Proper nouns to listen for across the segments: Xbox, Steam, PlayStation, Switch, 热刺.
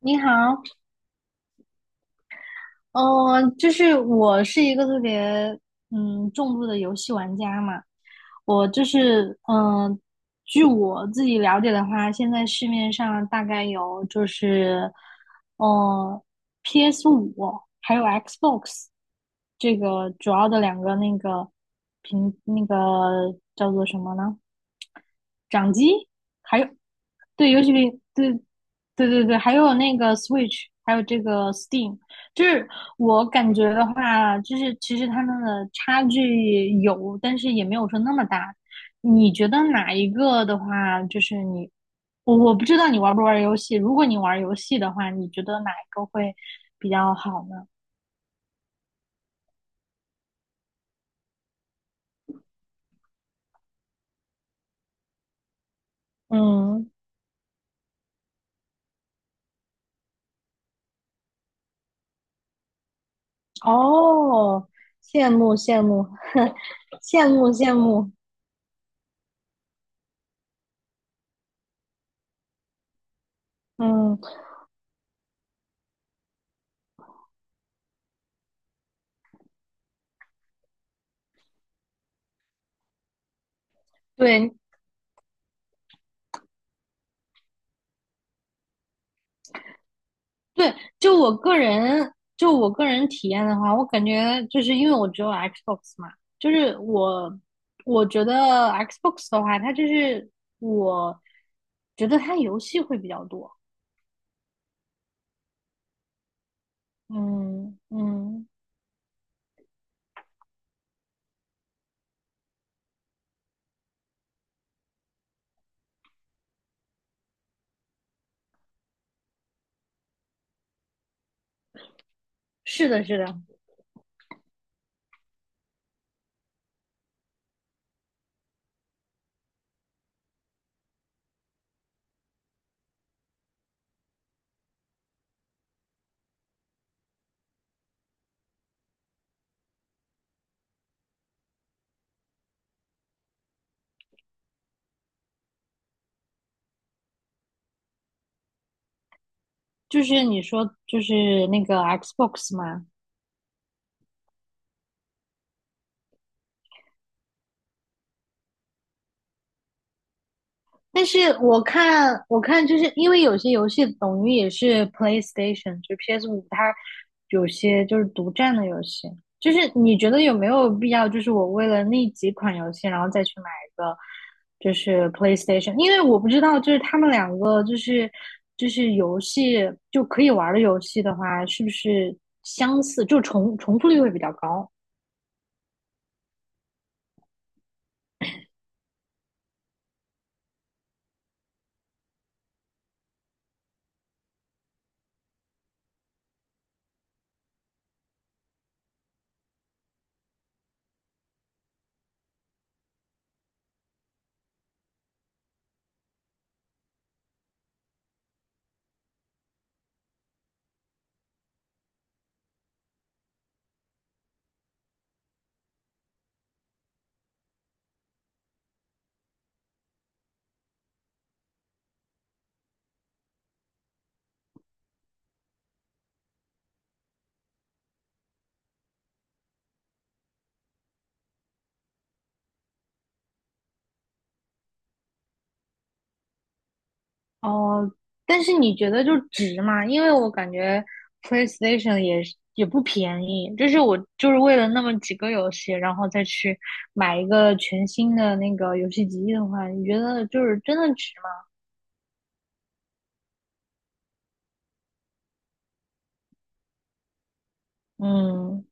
你好，就是我是一个特别重度的游戏玩家嘛，我就是据我自己了解的话，现在市面上大概有就是呃 PS5还有 Xbox 这个主要的两个那个屏那个叫做什么呢？掌机，还有对，游戏比对，对对对，还有那个 Switch，还有这个 Steam，就是我感觉的话，就是其实他们的差距有，但是也没有说那么大。你觉得哪一个的话，就是你，我不知道你玩不玩游戏。如果你玩游戏的话，你觉得哪一个会比较好呢？嗯，哦，羡慕羡慕，羡慕羡慕。嗯，对，对，就我个人，就我个人体验的话，我感觉就是因为我只有 Xbox 嘛，就是我觉得 Xbox 的话，它就是我觉得它游戏会比较多。嗯嗯，是的，是的，就是你说就是那个 Xbox 嘛，但是我看,就是因为有些游戏等于也是 PlayStation，就是 PS 五，它有些就是独占的游戏。就是你觉得有没有必要？就是我为了那几款游戏，然后再去买一个就是 PlayStation，因为我不知道，就是他们两个就是游戏就可以玩的游戏的话，是不是相似，就重复率会比较高？哦，但是你觉得就值吗？因为我感觉 PlayStation 也是也不便宜，就是我就是为了那么几个游戏，然后再去买一个全新的那个游戏机的话，你觉得就是真的值吗？嗯。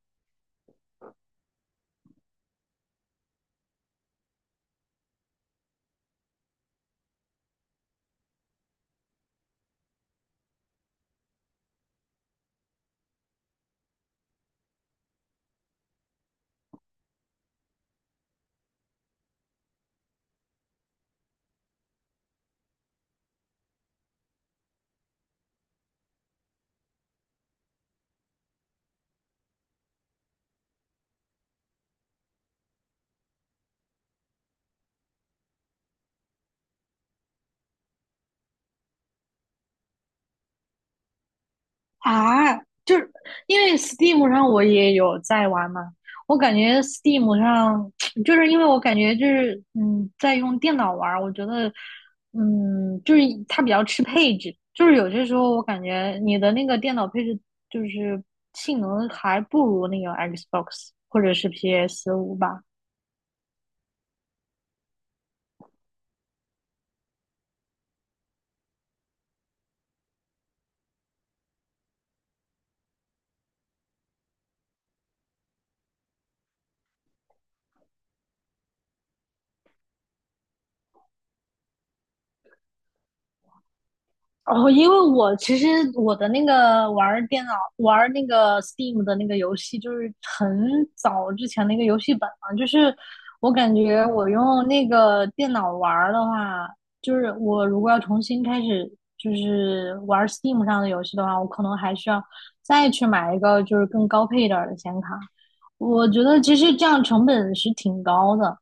啊，就是因为 Steam 上我也有在玩嘛，我感觉 Steam 上 就是因为我感觉就是在用电脑玩儿我觉得就是它比较吃配置，就是有些时候我感觉你的那个电脑配置就是性能还不如那个 Xbox 或者是 PS 五吧，哦，因为我其实我的那个玩儿电脑玩儿那个 Steam 的那个游戏，就是很早之前的一个游戏本了。就是我感觉我用那个电脑玩儿的话，就是我如果要重新开始就是玩儿 Steam 上的游戏的话，我可能还需要再去买一个就是更高配一点儿的显卡。我觉得其实这样成本是挺高的。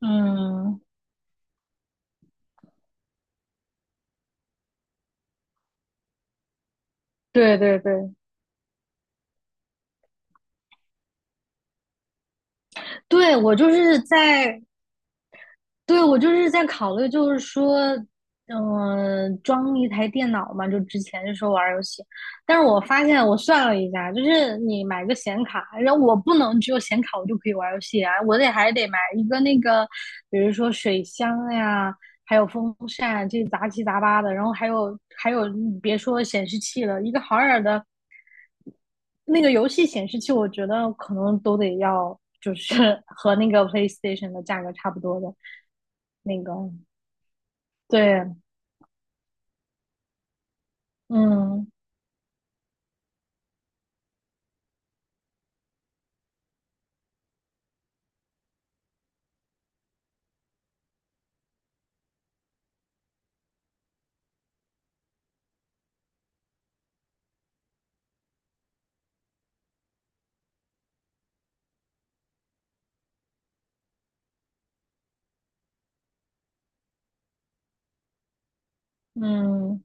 嗯，对对对，对，我就是在对，我就是在考虑，就是说，装一台电脑嘛，就之前就说玩儿游戏，但是我发现我算了一下，就是你买个显卡，然后我不能只有显卡我就可以玩儿游戏啊，我得还得买一个那个，比如说水箱呀，还有风扇，这杂七杂八的，然后还有，你别说显示器了，一个好点儿的那个游戏显示器，我觉得可能都得要，就是 和那个 PlayStation 的价格差不多的那个。对，嗯嗯，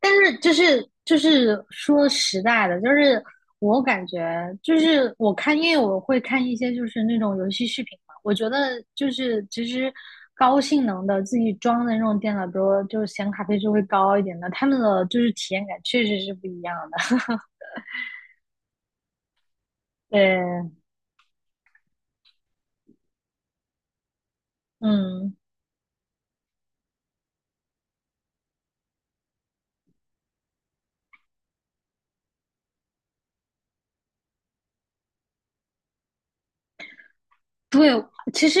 但是就是说实在的，就是我感觉就是我看，因为我会看一些就是那种游戏视频嘛，我觉得就是其实高性能的自己装的那种电脑，比如说就是显卡配置会高一点的，他们的就是体验感确实是不一样的。对，嗯，对，其实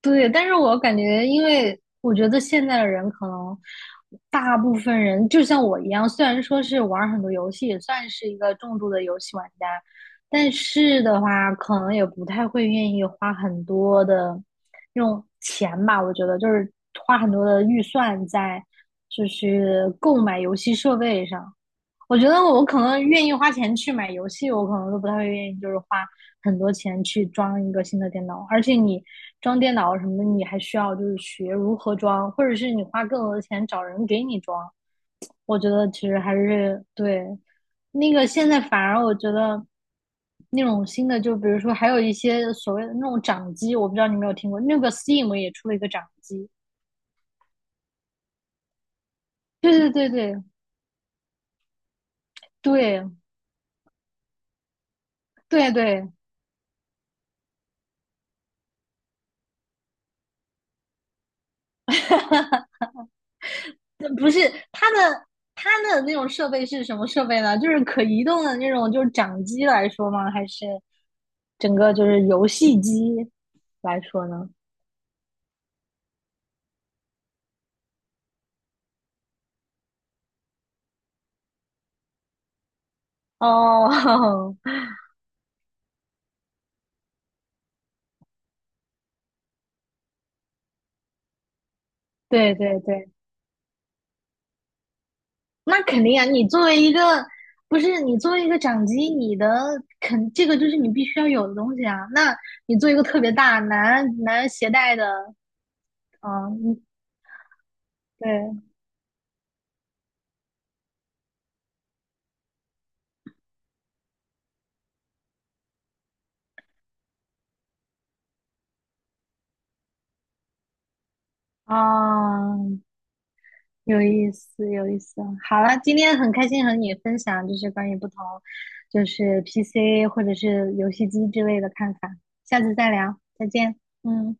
对，但是我感觉，因为我觉得现在的人可能大部分人就像我一样，虽然说是玩儿很多游戏，也算是一个重度的游戏玩家，但是的话，可能也不太会愿意花很多的用钱吧。我觉得就是花很多的预算在就是购买游戏设备上。我觉得我可能愿意花钱去买游戏，我可能都不太会愿意，就是花很多钱去装一个新的电脑。而且你装电脑什么的，你还需要就是学如何装，或者是你花更多的钱找人给你装。我觉得其实还是对那个现在反而我觉得那种新的，就比如说还有一些所谓的那种掌机，我不知道你有没有听过，那个 Steam 也出了一个掌机。对对对对对对对。不是它的它的那种设备是什么设备呢？就是可移动的那种，就是掌机来说吗？还是整个就是游戏机来说呢？哦，对对对，那肯定啊！你作为一个不是你作为一个掌机，你的这个就是你必须要有的东西啊。那你做一个特别大难携带的，嗯，对啊，有意思，有意思。好了，今天很开心和你分享，就是关于不同，就是 PC 或者是游戏机之类的看法。下次再聊，再见。嗯。